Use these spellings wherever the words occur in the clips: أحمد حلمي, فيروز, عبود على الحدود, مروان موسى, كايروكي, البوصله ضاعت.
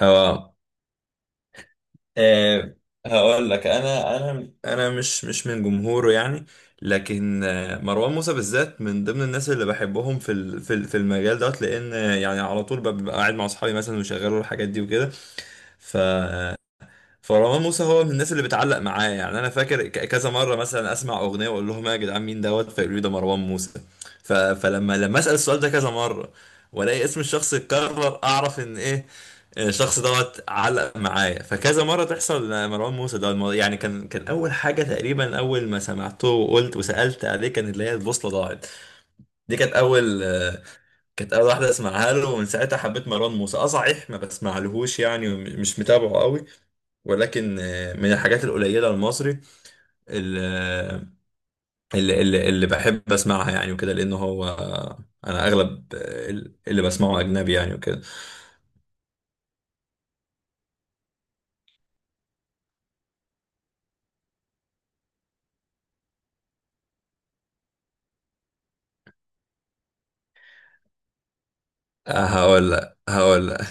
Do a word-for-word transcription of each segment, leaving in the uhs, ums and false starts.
اه آه، هقول لك، انا انا انا مش مش من جمهوره يعني. لكن آه، مروان موسى بالذات من ضمن الناس اللي بحبهم في ال- في ال- في المجال دوت، لان آه، يعني على طول ببقى قاعد مع اصحابي مثلا ويشغلوا الحاجات دي وكده. فمروان موسى هو من الناس اللي بتعلق معايا. يعني انا فاكر ك- كذا مره مثلا اسمع اغنيه واقول لهم: يا جدعان مين دوت؟ فيقولوا لي: ده مروان موسى. ف... فلما لما اسال السؤال ده كذا مره والاقي اسم الشخص اتكرر، اعرف ان ايه، إن الشخص دوت علق معايا. فكذا مره تحصل. مروان موسى ده المو- يعني كان كان اول حاجه تقريبا اول ما سمعته وقلت وسالت عليه كان اللي هي البوصله ضاعت. دي كانت اول آه، كانت اول واحده اسمعها له، ومن ساعتها حبيت مروان موسى. اه صحيح ما بسمعلهوش يعني، ومش متابعه قوي، ولكن آه، من الحاجات القليلة المصري اللي, اللي, اللي بحب اسمعها يعني وكده، لأنه هو آه، أنا أغلب آه، اللي بسمعه أجنبي يعني وكده. آه، هقول لك هقول لك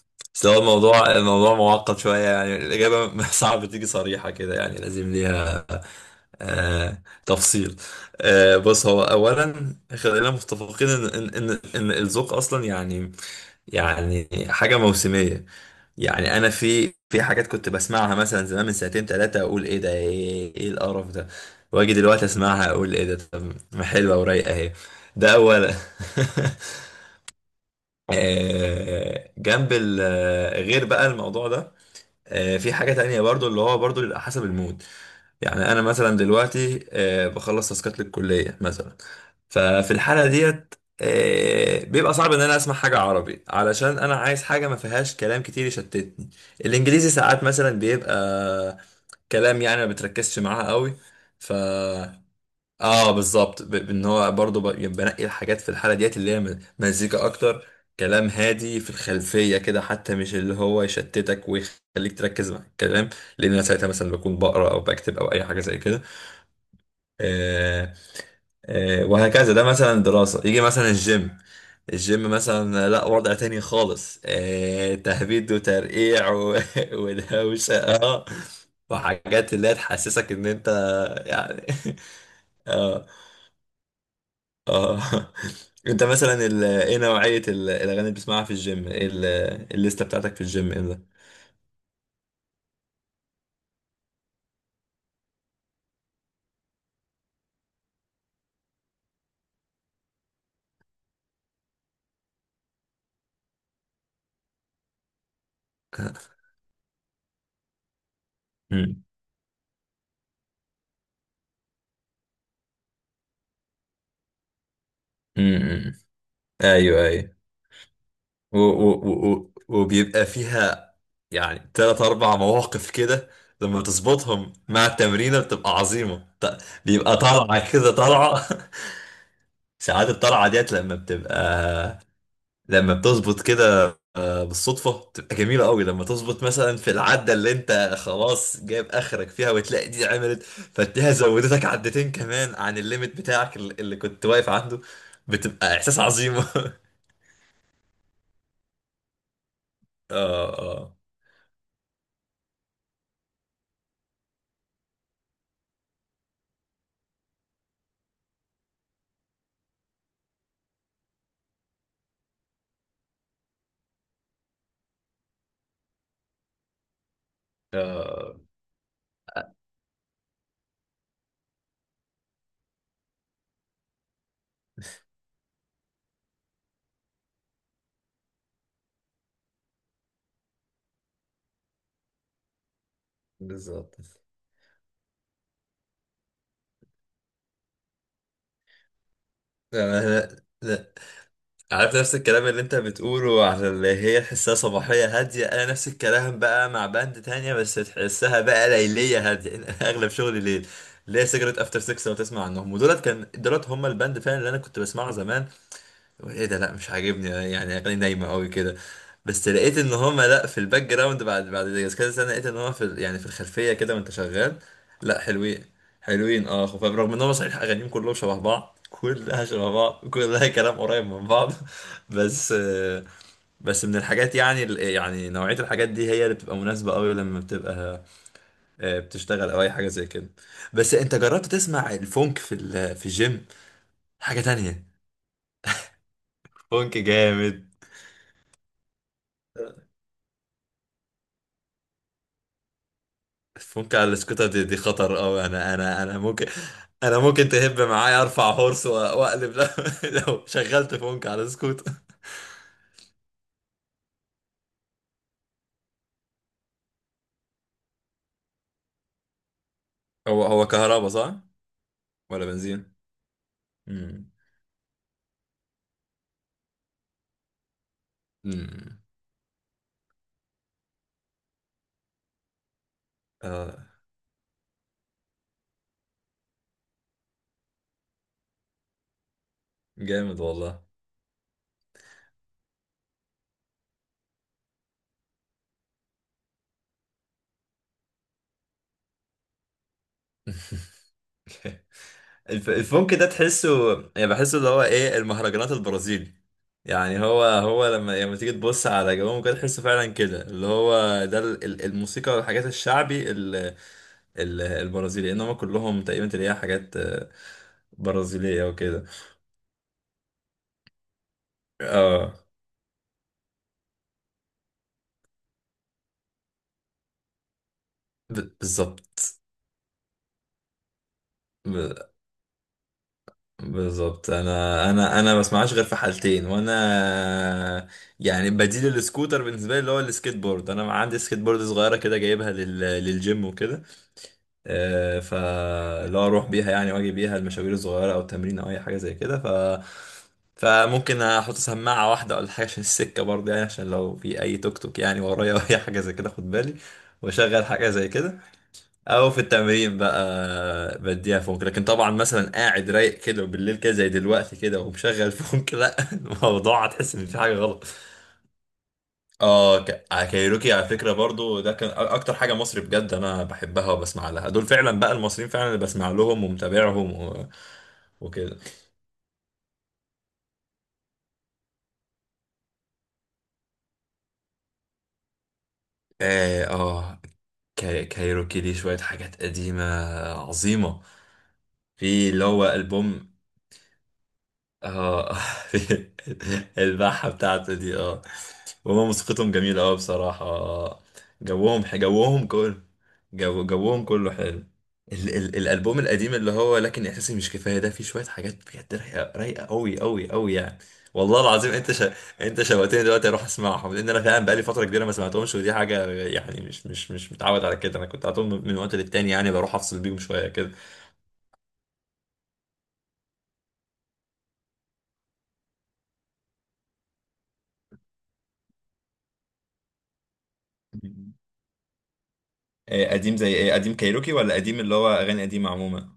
بس هو الموضوع الموضوع معقد شوية يعني. الإجابة صعب تيجي صريحة كده يعني، لازم ليها آه تفصيل. آه بص، هو أولا خلينا متفقين إن إن إن إن الذوق أصلا يعني، يعني حاجة موسمية. يعني انا في في حاجات كنت بسمعها مثلا زمان من ساعتين ثلاثة اقول ايه ده، ايه, إيه القرف ده، واجي دلوقتي اسمعها اقول ايه ده، طب ما حلوة ورايقة اهي. ده اولا. آه، جنب ال- غير بقى الموضوع ده، آه، في حاجة تانية برضو اللي هو برضو بيبقى حسب المود. يعني انا مثلا دلوقتي آه، بخلص تاسكات للكليه مثلا. ففي الحاله ديت آه، بيبقى صعب ان انا اسمع حاجه عربي، علشان انا عايز حاجه ما فيهاش كلام كتير يشتتني. الانجليزي ساعات مثلا بيبقى كلام يعني ما بتركزش معاه قوي. ف اه بالظبط. ب- بان هو برضه ب- يعني بنقي الحاجات في الحاله ديت اللي هي م- مزيكا اكتر، كلام هادي في الخلفيه كده، حتى مش اللي هو يشتتك ويخليك تركز مع الكلام، لان انا ساعتها مثلا بكون بقرا او بكتب او اي حاجه زي كده. آه آه وهكذا. ده مثلا دراسه. يجي مثلا الجيم، الجيم مثلا لا وضع تاني خالص. آه تهبيد وترقيع و- ودوشه اه، وحاجات اللي هي تحسسك ان انت يعني. اه اه انت مثلا ال... ايه نوعية ال... الاغاني اللي بتسمعها في الجيم، ايه ال... الليستة بتاعتك في الجيم ايه ده؟ مم. مم. ايوه ايوه. و... و... و... و- وبيبقى فيها يعني تلات اربع مواقف كده لما تظبطهم مع التمرينة بتبقى عظيمة. ط- بيبقى طالعة كده طالعة. ساعات الطلعة ديت لما بتبقى، لما بتظبط كده آه، بالصدفة، بتبقى جميلة قوي. لما تظبط مثلا في العدة اللي انت خلاص جايب اخرك فيها، وتلاقي دي عملت، فتلاقيها زودتك عدتين كمان عن الليمت بتاعك اللي اللي كنت واقف عنده، بتبقى احساس عظيم. اه اه اه بالظبط. لا لا لا عارف نفس الكلام اللي انت بتقوله على اللي هي تحسها صباحية هادية؟ انا نفس الكلام بقى مع باند تانية بس تحسها بقى ليلية هادية. انا اغلب شغلي ليل. ليه سيجرت افتر ستة، لو تسمع عنهم. ودولت كان دولت هم الباند فعلا اللي انا كنت بسمعه زمان. ايه ده لا مش عاجبني يعني، اغاني نايمه قوي كده. بس لقيت ان هما لا، في الباك جراوند بعد بعد كذا سنه، لقيت ان هو في ال- يعني في الخلفيه كده وانت شغال. لا حلوين، حلوين اه، خفاف، رغم ان هو صحيح اغانيهم كلهم شبه بعض، كلها شبه بعض، كلها كلام قريب من بعض. بس آه، بس من الحاجات يعني ال- يعني نوعية الحاجات دي هي اللي بتبقى مناسبة قوي لما بتبقى آه، بتشتغل او اي حاجة زي كده. بس انت جربت تسمع الفونك في ال- في الجيم؟ حاجة تانية. فونك جامد. فك على الاسكوتة دي, دي خطر أوي. أنا أنا أنا ممكن، أنا ممكن تهب معايا أرفع هورس وأ- وأقلب لو, لو شغلت فونك على السكوت. هو هو كهربا صح؟ ولا بنزين؟ امم امم آه جامد والله. الف- الفونك ده تحسه، يعني بحسه اللي هو إيه، المهرجانات البرازيلي. يعني هو هو لما لما تيجي تبص على جوهم كده تحسه فعلا كده اللي هو ده ال- ال- الموسيقى والحاجات الشعبي ال- البرازيلي. انما كلهم تقريبا تلاقيها حاجات آه، برازيلية وكده. اه ب- بالظبط ب- بالظبط. انا انا انا ما بسمعهاش غير في حالتين، وانا يعني بديل السكوتر بالنسبه لي اللي هو السكيت بورد. انا عندي سكيت بورد صغيره كده جايبها لل... للجيم وكده. آه، فاللي هو اروح بيها يعني واجي بيها المشاوير الصغيره او التمرين او اي حاجه زي كده. ف فممكن احط سماعه واحده ولا حاجه عشان السكه برضه، يعني عشان لو في اي توك توك يعني ورايا اي حاجه زي كده خد بالي، واشغل حاجه زي كده. او في التمرين بقى بديها فونك. لكن طبعا مثلا قاعد رايق كده وبالليل كده زي دلوقتي كده ومشغل فونك، لا، الموضوع هتحس ان في حاجه غلط. اه ك- آه، كايروكي على فكره برضو ده كان أ- اكتر حاجه مصري بجد انا بحبها وبسمع لها. دول فعلا بقى المصريين فعلا اللي بسمع لهم ومتابعهم و... وكده. اه, آه كاي- كايروكي ليه شويه حاجات قديمه عظيمه. في اللي هو البوم اه. البحة بتاعته دي اه. وهما موسيقتهم جميلة اه بصراحة آه. جوهم جوهم كله جو جوهم كله حلو. ال ال الألبوم القديم اللي هو لكن إحساسي مش كفاية، ده فيه شوية حاجات بجد رايقة، رايقة أوي أوي أوي يعني. والله العظيم أنت ش... أنت شوقتني دلوقتي أروح أسمعهم، لأن أنا فعلا بقالي فترة كبيرة ما سمعتهمش، ودي حاجة يعني مش مش مش متعود على كده، أنا كنت على طول من وقت للتاني يعني بروح أفصل بيهم شوية كده. إيه قديم زي ايه؟ قديم كايروكي ولا قديم اللي هو اغاني قديمه عموما؟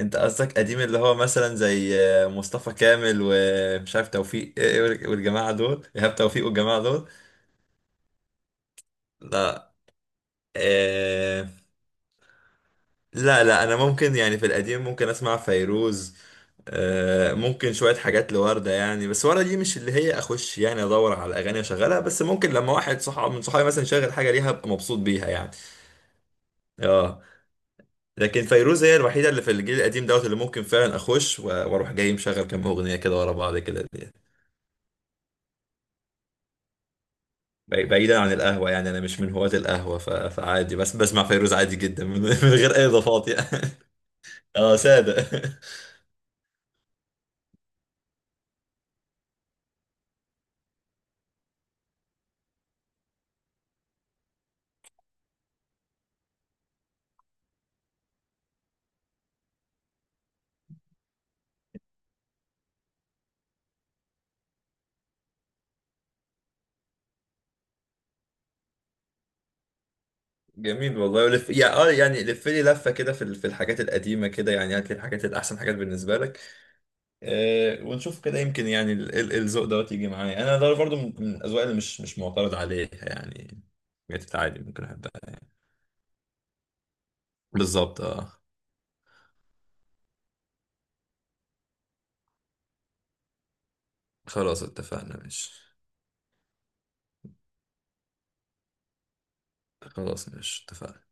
انت قصدك قديم اللي هو مثلا زي آه، مصطفى كامل ومش عارف توفيق آه، إيه، وال- والجماعه دول، ايهاب توفيق والجماعه دول؟ لا إيه. لا لا، انا ممكن يعني في القديم ممكن اسمع فيروز، آه، ممكن شويه حاجات لوردة يعني. بس وردة دي مش اللي هي اخش يعني ادور على اغاني اشغلها، بس ممكن لما واحد صحاب من صحابي مثلا يشغل حاجه ليها ابقى مبسوط بيها يعني. اه. لكن فيروز هي الوحيده اللي في الجيل القديم دوت اللي ممكن فعلا اخش و- واروح جاي مشغل كام اغنيه كده ورا بعض كده دي. بعي- بعيدا عن القهوه يعني، انا مش من هواة القهوه، ف- فعادي. بس بسمع فيروز عادي جدا من, من غير اي اضافات يعني. اه ساده. جميل والله، ولف يعني اه، يعني لف لي لفه كده في ال- في الحاجات القديمه كده يعني، هات لي الحاجات الاحسن حاجات بالنسبه لك، آه ونشوف كده. يمكن يعني ال- ال- الذوق دوت يجي معايا، انا ده برضه من من الاذواق اللي مش مش معترض عليها يعني، بقت عادي ممكن احبها يعني. بالظبط اه. خلاص اتفقنا مش؟ خلاص مش اتفقنا.